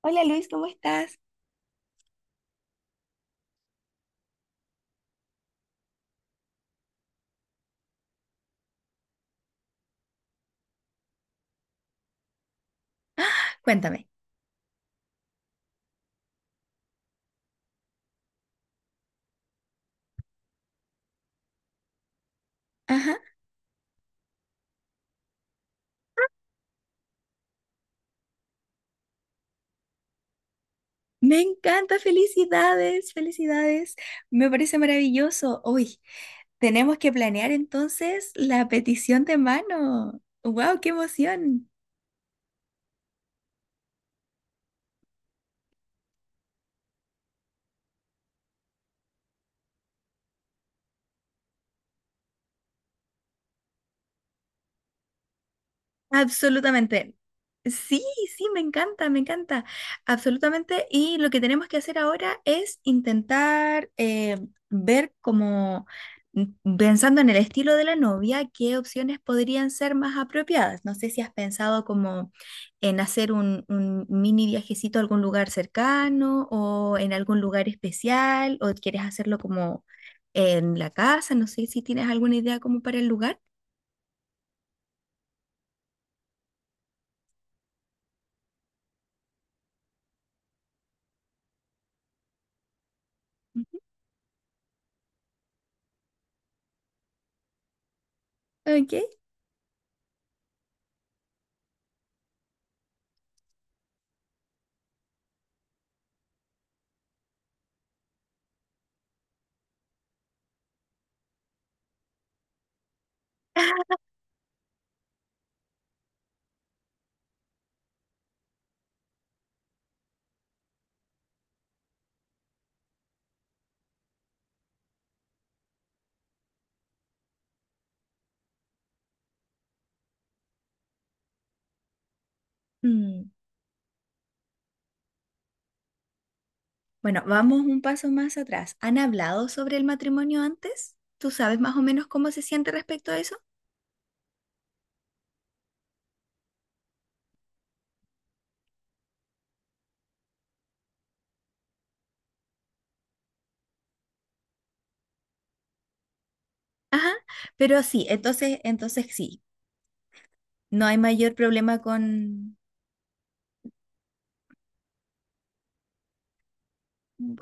Hola Luis, ¿cómo estás? Cuéntame. Ajá. Me encanta, felicidades, felicidades. Me parece maravilloso. Uy, tenemos que planear entonces la petición de mano. ¡Wow, qué emoción! Absolutamente. Sí, sí, me encanta, me encanta. Absolutamente. Y lo que tenemos que hacer ahora es intentar ver como, pensando en el estilo de la novia, qué opciones podrían ser más apropiadas. No sé si has pensado como en hacer un mini viajecito a algún lugar cercano o en algún lugar especial o quieres hacerlo como en la casa. No sé si tienes alguna idea como para el lugar. Ujú. Ok. Mm. Bueno, vamos un paso más atrás. ¿Han hablado sobre el matrimonio antes? ¿Tú sabes más o menos cómo se siente respecto a eso? Ajá, pero sí, entonces sí, no hay mayor problema con.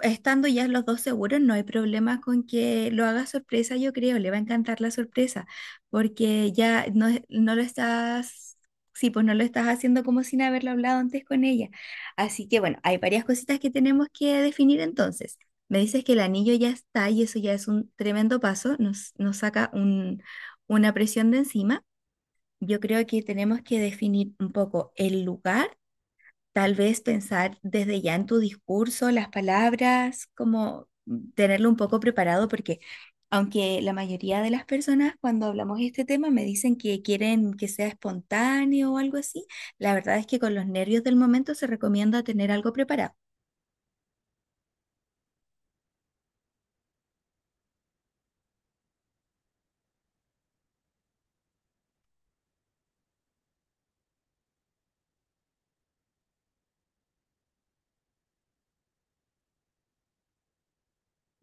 Estando ya los dos seguros, no hay problema con que lo haga sorpresa, yo creo, le va a encantar la sorpresa, porque ya no, no lo estás, sí, pues no lo estás haciendo como sin haberlo hablado antes con ella. Así que bueno, hay varias cositas que tenemos que definir entonces. Me dices que el anillo ya está y eso ya es un tremendo paso, nos saca un, una presión de encima. Yo creo que tenemos que definir un poco el lugar. Tal vez pensar desde ya en tu discurso, las palabras, como tenerlo un poco preparado, porque aunque la mayoría de las personas cuando hablamos de este tema me dicen que quieren que sea espontáneo o algo así, la verdad es que con los nervios del momento se recomienda tener algo preparado.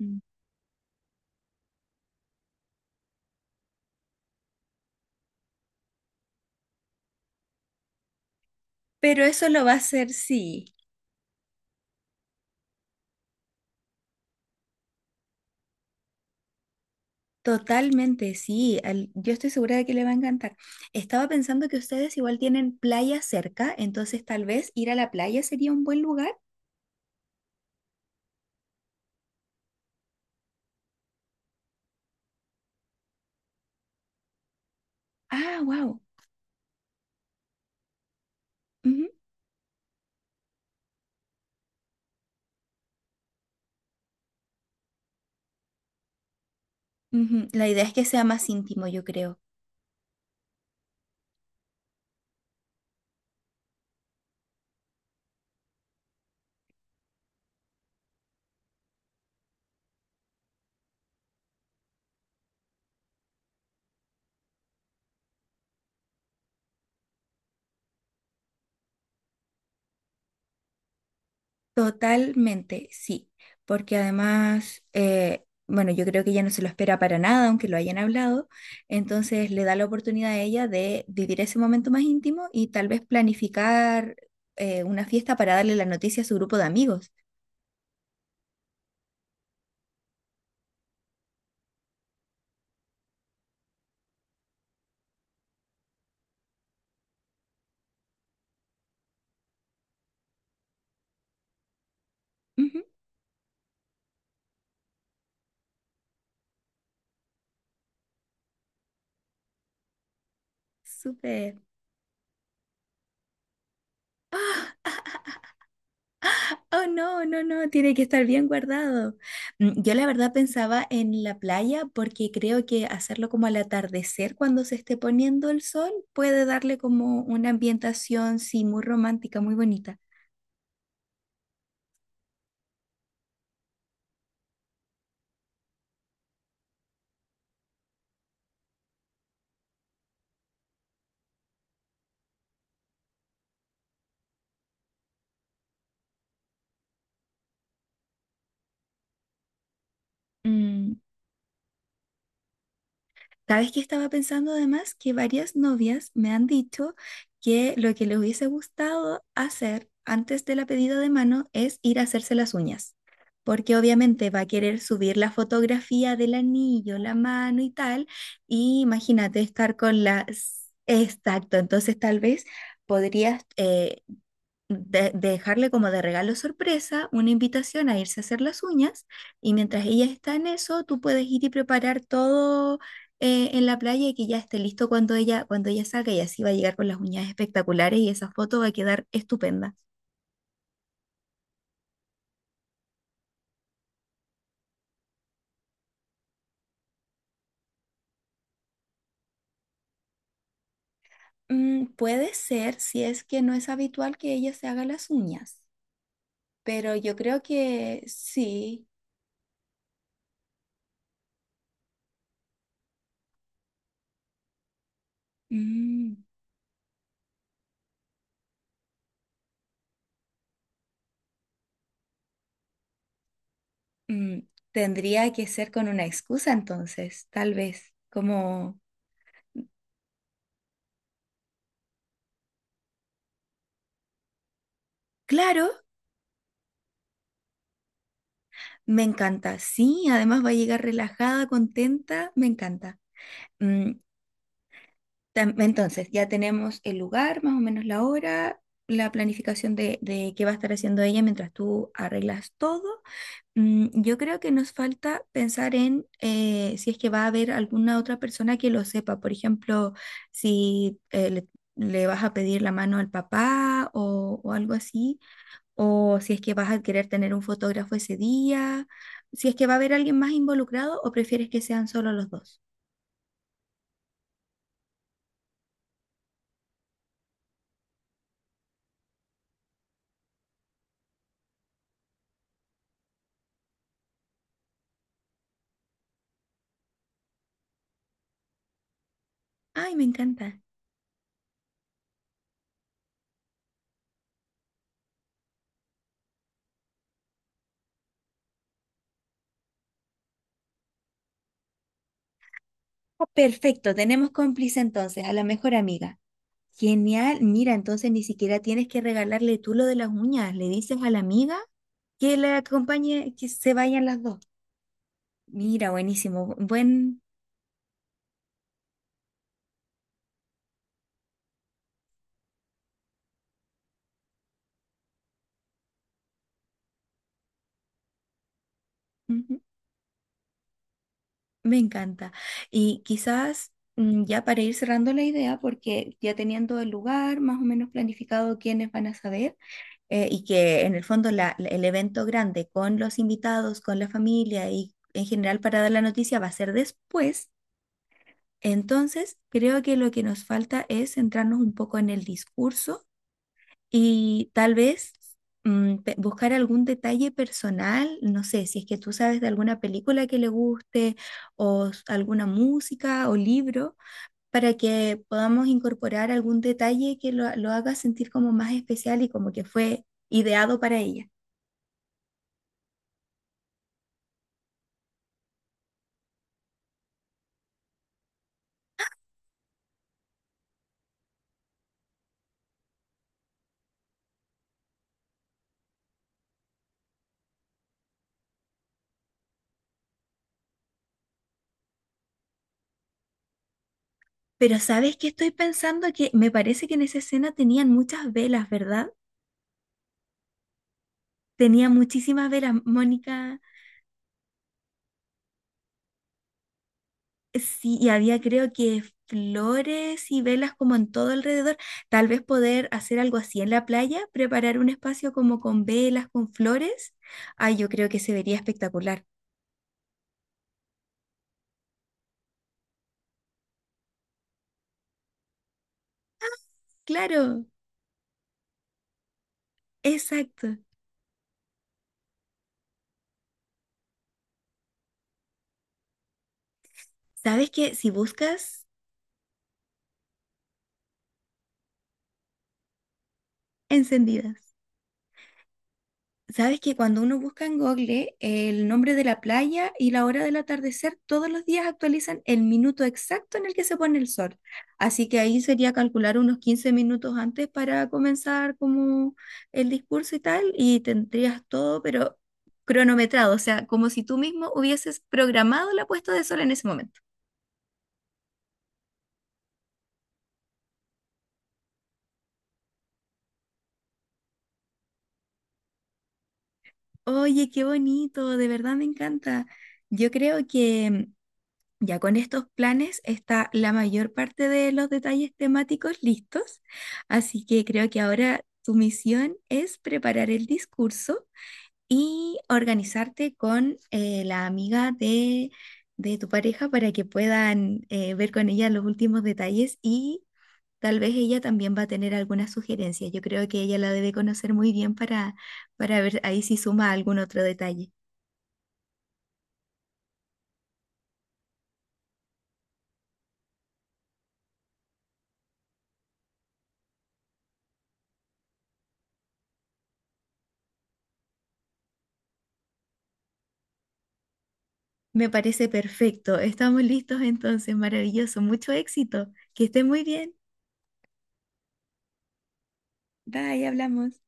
Mm. Pero eso lo va a hacer sí, totalmente sí. Yo estoy segura de que le va a encantar. Estaba pensando que ustedes igual tienen playa cerca, entonces tal vez ir a la playa sería un buen lugar. Ah, wow. Ujú, la idea es que sea más íntimo, yo creo. Totalmente, sí. Porque además, bueno, yo creo que ella no se lo espera para nada, aunque lo hayan hablado. Entonces le da la oportunidad a ella de vivir ese momento más íntimo y tal vez planificar una fiesta para darle la noticia a su grupo de amigos. Ujú. Súper. Oh, no, no, no, tiene que estar bien guardado. Mm, yo la verdad pensaba en la playa porque creo que hacerlo como al atardecer cuando se esté poniendo el sol puede darle como una ambientación, sí, muy romántica, muy bonita. Mm, sabes que estaba pensando además que varias novias me han dicho que lo que les hubiese gustado hacer antes de la pedida de mano es ir a hacerse las uñas, porque obviamente va a querer subir la fotografía del anillo, la mano y tal, y imagínate estar con las... Exacto, entonces tal vez podrías dejarle como de regalo sorpresa una invitación a irse a hacer las uñas y mientras ella está en eso, tú puedes ir y preparar todo en la playa y que ya esté listo cuando ella salga y así va a llegar con las uñas espectaculares y esa foto va a quedar estupenda. Mm, puede ser si es que no es habitual que ella se haga las uñas, pero yo creo que sí. Mm, mm, tendría que ser con una excusa entonces, tal vez, como, claro. Me encanta, sí, además va a llegar relajada, contenta, me encanta. Mm, entonces, ya tenemos el lugar, más o menos la hora, la planificación de qué va a estar haciendo ella mientras tú arreglas todo. Mm, yo creo que nos falta pensar en si es que va a haber alguna otra persona que lo sepa, por ejemplo, si le vas a pedir la mano al papá o algo así o si es que vas a querer tener un fotógrafo ese día, si es que va a haber alguien más involucrado o prefieres que sean solo los dos. Ay, me encanta. Ah, perfecto, tenemos cómplice entonces, a la mejor amiga. Genial, mira, entonces ni siquiera tienes que regalarle tú lo de las uñas, le dices a la amiga que la acompañe, que se vayan las dos. Mira, buenísimo, buen, ujú, me encanta. Y quizás mm, ya para ir cerrando la idea, porque ya teniendo el lugar, más o menos planificado quiénes van a saber. Y que en el fondo el evento grande con los invitados, con la familia y en general para dar la noticia va a ser después, entonces creo que lo que nos falta es centrarnos un poco en el discurso y tal vez mm, buscar algún detalle personal, no sé, si es que tú sabes de alguna película que le guste o alguna música o libro, para que podamos incorporar algún detalle que lo haga sentir como más especial y como que fue ideado para ella. Pero ¿sabes qué estoy pensando? Que me parece que en esa escena tenían muchas velas, ¿verdad? Tenía muchísimas velas, Mónica. Sí, y había creo que flores y velas como en todo alrededor. Tal vez poder hacer algo así en la playa, preparar un espacio como con velas, con flores. Ay, yo creo que se vería espectacular. Claro, exacto. ¿Sabes qué? Si buscas encendidas. Sabes que cuando uno busca en Google el nombre de la playa y la hora del atardecer, todos los días actualizan el minuto exacto en el que se pone el sol. Así que ahí sería calcular unos 15 minutos antes para comenzar como el discurso y tal, y tendrías todo, pero cronometrado, o sea, como si tú mismo hubieses programado la puesta de sol en ese momento. Oye, qué bonito, de verdad me encanta. Yo creo que ya con estos planes está la mayor parte de los detalles temáticos listos, así que creo que ahora tu misión es preparar el discurso y organizarte con la amiga de tu pareja para que puedan ver con ella los últimos detalles y tal vez ella también va a tener algunas sugerencias. Yo creo que ella la debe conocer muy bien para ver ahí si suma algún otro detalle. Me parece perfecto. Estamos listos entonces, maravilloso. Mucho éxito. Que esté muy bien. Bye, hablamos.